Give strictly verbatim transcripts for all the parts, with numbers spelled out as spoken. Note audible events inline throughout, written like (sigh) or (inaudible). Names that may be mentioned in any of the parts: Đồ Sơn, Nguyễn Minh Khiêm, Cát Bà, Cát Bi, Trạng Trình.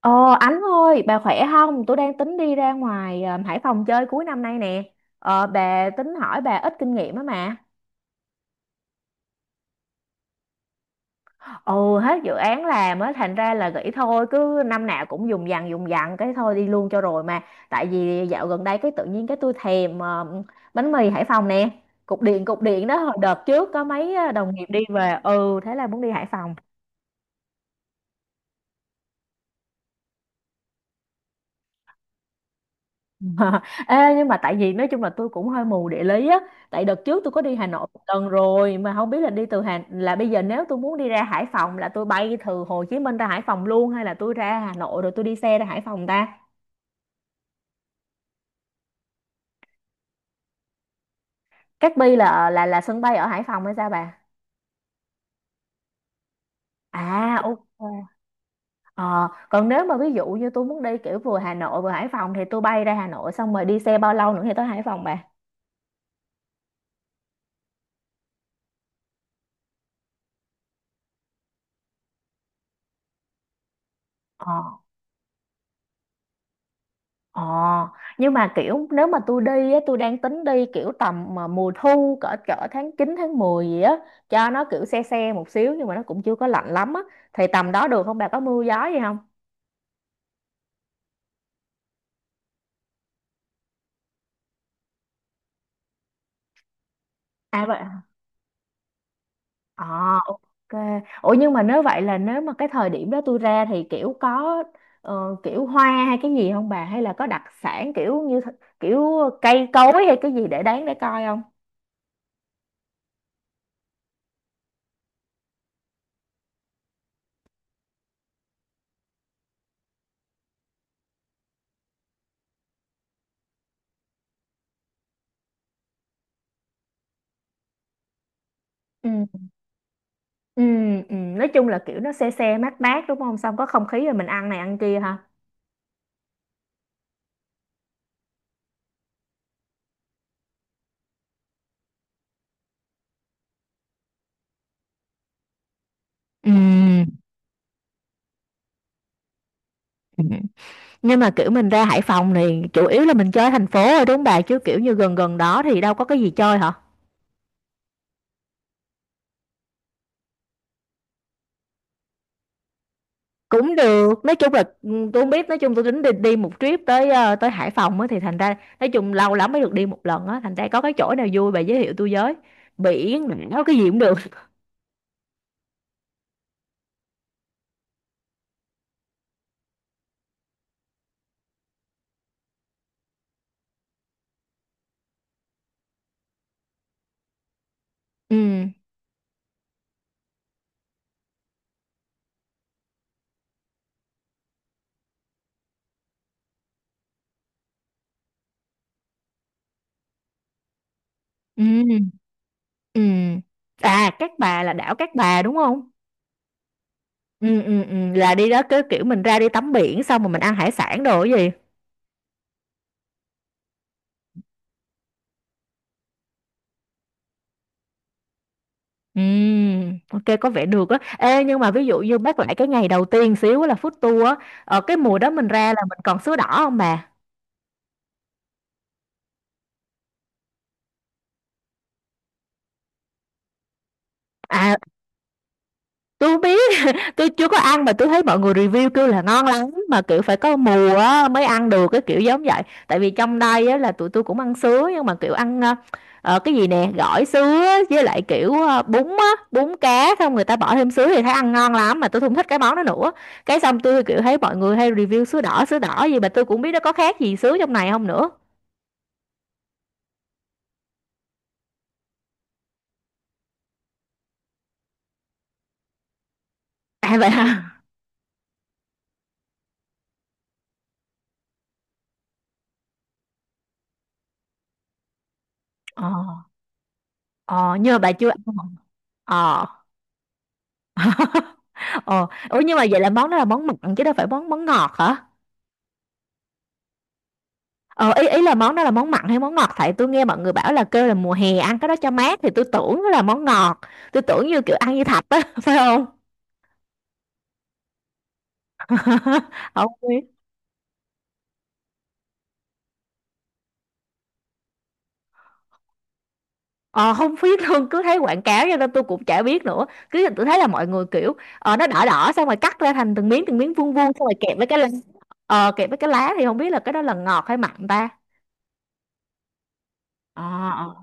Ờ Ánh ơi, bà khỏe không? Tôi đang tính đi ra ngoài ờ, Hải Phòng chơi cuối năm nay nè. Ờ, bà tính hỏi bà ít kinh nghiệm á mà. Ừ, hết dự án làm á, thành ra là nghĩ thôi, cứ năm nào cũng dùng dằng dùng dằng cái thôi đi luôn cho rồi mà. Tại vì dạo gần đây cái tự nhiên cái tôi thèm ờ, bánh mì Hải Phòng nè. Cục điện cục điện đó hồi đợt trước có mấy ờ, đồng nghiệp đi về. Ừ, thế là muốn đi Hải Phòng. (laughs) Ờ, Ê, nhưng mà tại vì nói chung là tôi cũng hơi mù địa lý á, tại đợt trước tôi có đi Hà Nội một lần rồi mà không biết là đi từ Hà là bây giờ nếu tôi muốn đi ra Hải Phòng là tôi bay từ Hồ Chí Minh ra Hải Phòng luôn hay là tôi ra Hà Nội rồi tôi đi xe ra Hải Phòng ta? Cát Bi là là là sân bay ở Hải Phòng hay sao bà? À, ok. Ờ, còn nếu mà ví dụ như tôi muốn đi kiểu vừa Hà Nội vừa Hải Phòng thì tôi bay ra Hà Nội xong rồi đi xe bao lâu nữa thì tới Hải Phòng, bà? Ờ, nhưng mà kiểu nếu mà tôi đi á, tôi đang tính đi kiểu tầm mà mùa thu cỡ cỡ tháng chín tháng mười gì á, cho nó kiểu se se một xíu nhưng mà nó cũng chưa có lạnh lắm á, thì tầm đó được không bà, có mưa gió gì không? À vậy hả? Ờ, ok. Ủa nhưng mà nếu vậy là nếu mà cái thời điểm đó tôi ra thì kiểu có ờ, kiểu hoa hay cái gì không bà, hay là có đặc sản kiểu như th- kiểu cây cối hay cái gì để đáng để coi không? Ừ. Ừ, ừ, nói chung là kiểu nó se se mát mát đúng không? Xong có không khí rồi mình ăn này ăn kia ha. Ừ, ừ. Nhưng mà kiểu mình ra Hải Phòng thì chủ yếu là mình chơi thành phố rồi đúng không bà, chứ kiểu như gần gần đó thì đâu có cái gì chơi hả? Cũng được, nói chung là ừ, tôi không biết, nói chung tôi tính đi, đi một trip tới ờ, tới Hải Phòng á thì thành ra nói chung lâu lắm mới được đi một lần á, thành ra có cái chỗ nào vui bà giới thiệu tôi với. Biển, đảo cái gì cũng được. Ừ, ừ, ừ. À, Cát Bà là đảo Cát Bà đúng không? Ừ, ừ, ừ. Là đi đó cứ kiểu mình ra đi tắm biển xong rồi mình ăn hải sản đồ cái gì? Ừm, ok có vẻ được á. Ê nhưng mà ví dụ như bác lại cái ngày đầu tiên xíu là food tour á, ở cái mùa đó mình ra là mình còn sứa đỏ không bà? À, tôi không biết. (laughs) Tôi chưa có ăn mà tôi thấy mọi người review kêu là ngon lắm mà kiểu phải có mùa á, mới ăn được cái kiểu giống vậy. Tại vì trong đây á, là tụi tôi cũng ăn sứa nhưng mà kiểu ăn ờ, ờ, cái gì nè, gỏi sứa với lại kiểu ờ, bún á, bún cá xong người ta bỏ thêm sứa thì thấy ăn ngon lắm mà tôi không thích cái món đó nữa. Cái xong tôi kiểu thấy mọi người hay review sứa đỏ sứa đỏ gì mà tôi cũng biết nó có khác gì sứa trong này không nữa. (laughs) À vậy hả? ờ ờ nhưng mà bà chưa ăn. Ờ. (laughs) Ờ, ủa nhưng mà vậy là món đó là món mặn chứ đâu phải món món ngọt hả? Ờ, ý ý là món đó là món mặn hay món ngọt, tại tôi nghe mọi người bảo là kêu là mùa hè ăn cái đó cho mát thì tôi tưởng nó là món ngọt. Tôi tưởng như kiểu ăn như thạch á, (laughs) phải không? (laughs) Không biết. Ờ, không biết luôn, cứ thấy quảng cáo cho nên tôi cũng chả biết nữa, cứ tôi thấy là mọi người kiểu ờ, nó đỏ đỏ xong rồi cắt ra thành từng miếng từng miếng vuông vuông xong rồi kẹp với cái lá. Ờ, kẹp với cái lá thì không biết là cái đó là ngọt hay mặn ta. Ờ.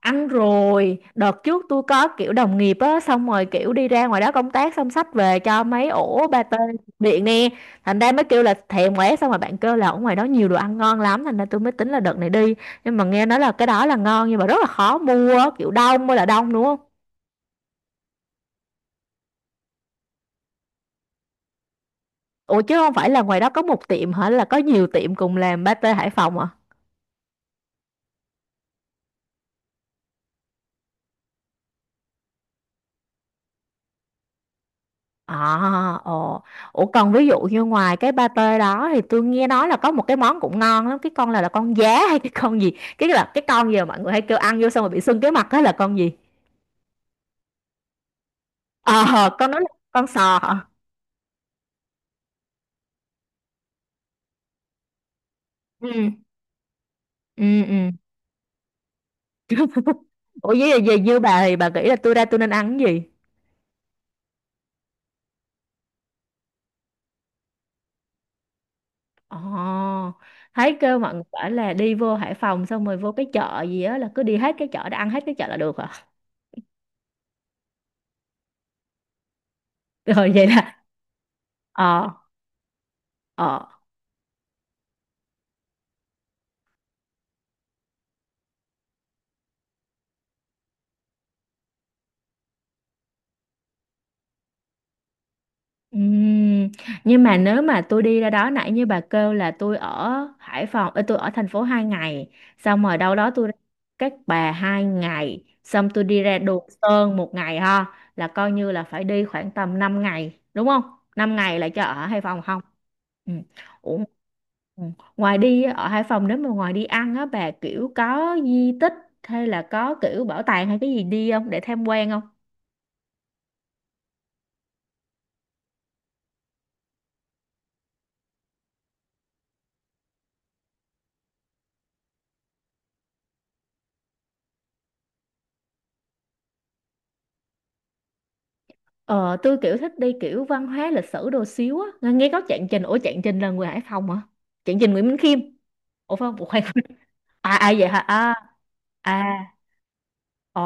Ăn rồi, đợt trước tôi có kiểu đồng nghiệp á, xong rồi kiểu đi ra ngoài đó công tác xong xách về cho mấy ổ pate điện nè. Thành ra mới kêu là thèm quá, xong rồi bạn kêu là ở ngoài đó nhiều đồ ăn ngon lắm, thành ra tôi mới tính là đợt này đi. Nhưng mà nghe nói là cái đó là ngon nhưng mà rất là khó mua á, kiểu đông mới là đông đúng không? Ủa chứ không phải là ngoài đó có một tiệm hả, là có nhiều tiệm cùng làm pate Hải Phòng? À, ồ. Ủa còn ví dụ như ngoài cái pate đó thì tôi nghe nói là có một cái món cũng ngon lắm, cái con là là con giá hay cái con gì? Cái là cái con gì mà mọi người hay kêu ăn vô xong rồi bị sưng cái mặt đó là con gì? Ờ, con nói là con sò hả? Ừ, ừ, ừ. (laughs) Ủa với về như bà thì bà nghĩ là tôi ra tôi nên ăn cái gì? Ồ, thấy kêu mọi người bảo là đi vô Hải Phòng xong rồi vô cái chợ gì á, là cứ đi hết cái chợ đó ăn hết cái chợ là được hả? (laughs) Rồi vậy là ờ, ờ. Ừm, nhưng mà nếu mà tôi đi ra đó nãy như bà kêu là tôi ở Hải Phòng, ờ, tôi ở thành phố hai ngày, xong rồi đâu đó tôi ra Cát Bà hai ngày, xong tôi đi ra Đồ Sơn một ngày ha, là coi như là phải đi khoảng tầm năm ngày, đúng không? Năm ngày là cho ở Hải Phòng không? Ừ. Ủa, ừ. Ngoài đi ở Hải Phòng nếu mà ngoài đi ăn á bà kiểu có di tích hay là có kiểu bảo tàng hay cái gì đi không để tham quan không? Ờ, tôi kiểu thích đi kiểu văn hóa lịch sử đồ xíu á. Nghe nghe có Trạng Trình, ủa Trạng Trình là người Hải Phòng hả? Trạng Trình Nguyễn Minh Khiêm. Ủa phải không? Ủa, khoan. (laughs) À, à vậy hả? À, à. Ồ,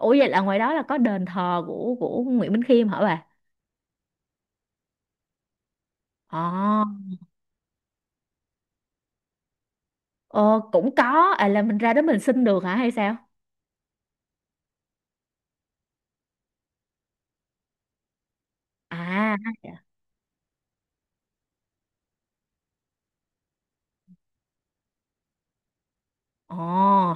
ủa vậy là ngoài đó là có đền thờ của của Nguyễn Minh Khiêm hả bà? Ờ, ờ cũng có, à là mình ra đó mình xin được hả hay sao? À. Ồ,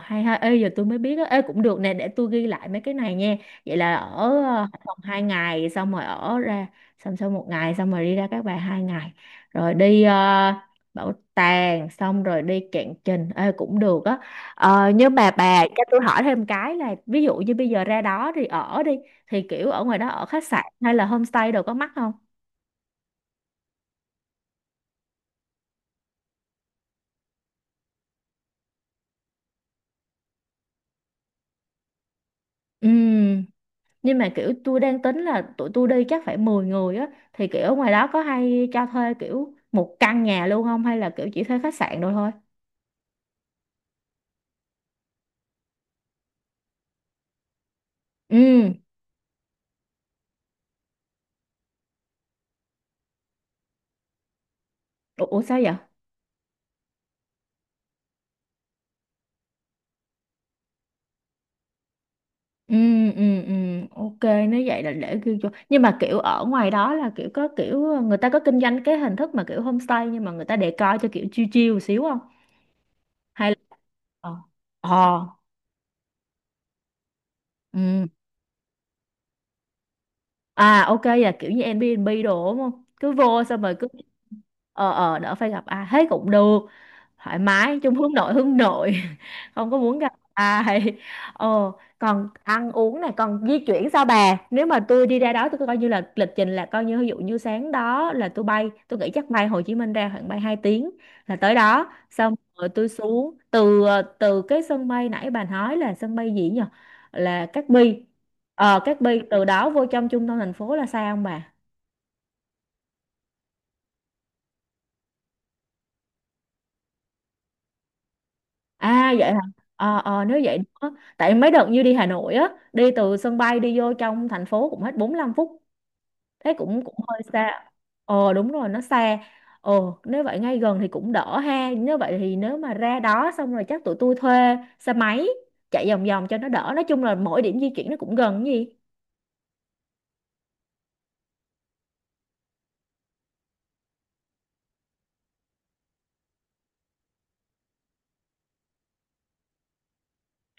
hay ha, ê giờ tôi mới biết á, ê cũng được nè, để tôi ghi lại mấy cái này nha. Vậy là ở ờ, Hải Phòng hai ngày, xong rồi ở ra, xong sau một ngày, xong rồi đi ra Các Bà hai ngày, rồi đi ờ, bảo tàng, xong rồi đi Cạn Trình, ê cũng được á. Ờ, nhưng mà bà cho tôi hỏi thêm cái là, ví dụ như bây giờ ra đó thì ở đi, thì kiểu ở ngoài đó ở khách sạn hay là homestay đồ có mắc không? Ừ. Nhưng mà kiểu tôi đang tính là tụi tôi đi chắc phải mười người á, thì kiểu ở ngoài đó có hay cho thuê kiểu một căn nhà luôn không, hay là kiểu chỉ thuê khách sạn rồi thôi? Ừ. Ủa, ủa sao vậy? Ừ, ừ, ừ. Ok. Nếu vậy là để ghi vô, nhưng mà kiểu ở ngoài đó là kiểu có kiểu người ta có kinh doanh cái hình thức mà kiểu homestay nhưng mà người ta decor cho kiểu chill chill một xíu không? Hay là ờ, ờ, ừ. À ok, là kiểu như Airbnb đồ đúng không, cứ vô xong rồi cứ ờ ờ đỡ phải gặp ai hết cũng được, thoải mái chung, hướng nội hướng nội. (laughs) Không có muốn gặp ai. Ờ, còn ăn uống này còn di chuyển sao bà, nếu mà tôi đi ra đó tôi coi như là lịch trình là coi như ví dụ như sáng đó là tôi bay, tôi nghĩ chắc bay Hồ Chí Minh ra khoảng bay hai tiếng là tới đó, xong rồi tôi xuống từ từ cái sân bay nãy bà nói là sân bay gì nhỉ, là Cát Bi? Ờ, Cát Bi từ đó vô trong trung tâm thành phố là sao không bà? À vậy hả? Ờ, ờ nếu vậy đó. Tại mấy đợt như đi Hà Nội á, đi từ sân bay đi vô trong thành phố cũng hết bốn lăm phút. Thế cũng cũng hơi xa. Ờ đúng rồi, nó xa. Ờ, nếu vậy ngay gần thì cũng đỡ ha. Nếu vậy thì nếu mà ra đó xong rồi chắc tụi tôi thuê xe máy chạy vòng vòng cho nó đỡ. Nói chung là mỗi điểm di chuyển nó cũng gần cái gì.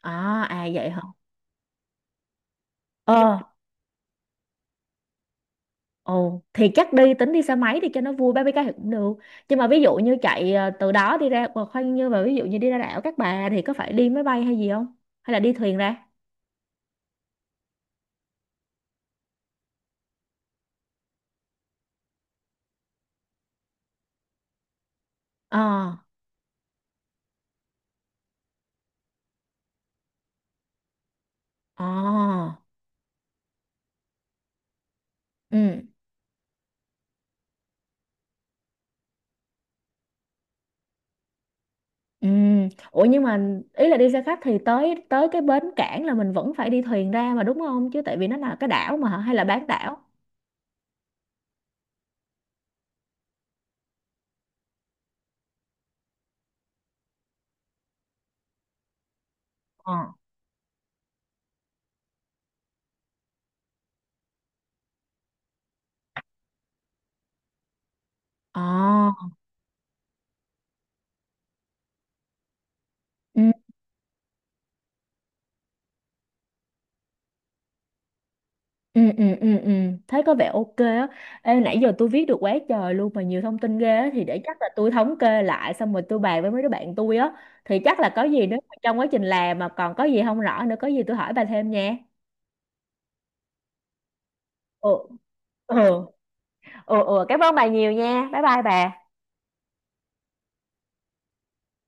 À à vậy hả? Ờ. Ồ, thì chắc đi tính đi xe máy thì cho nó vui ba mươi cây thì cũng được. Nhưng mà ví dụ như chạy ờ, từ đó đi ra ờ, khoan, như mà ví dụ như đi ra đảo Cát Bà thì có phải đi máy bay hay gì không? Hay là đi thuyền ra? Ờ, ờ. Ừ, ừ. Ủa nhưng mà ý là đi xe khách thì tới tới cái bến cảng là mình vẫn phải đi thuyền ra mà đúng không? Chứ tại vì nó là cái đảo mà hả? Hay là bán đảo? Ờ. Ờ. Ừ. Ừ, ừ, ừ, ừ. Thấy có vẻ ok á. Ê, nãy giờ tôi viết được quá trời luôn mà nhiều thông tin ghê á. Thì để chắc là tôi thống kê lại xong rồi tôi bàn với mấy đứa bạn tôi á. Thì chắc là có gì, nếu mà trong quá trình làm mà còn có gì không rõ nữa, có gì tôi hỏi bà thêm nha. Ừ. Ừ. Ừ, ừ. Cảm ơn bà nhiều nha. Bye bye bà.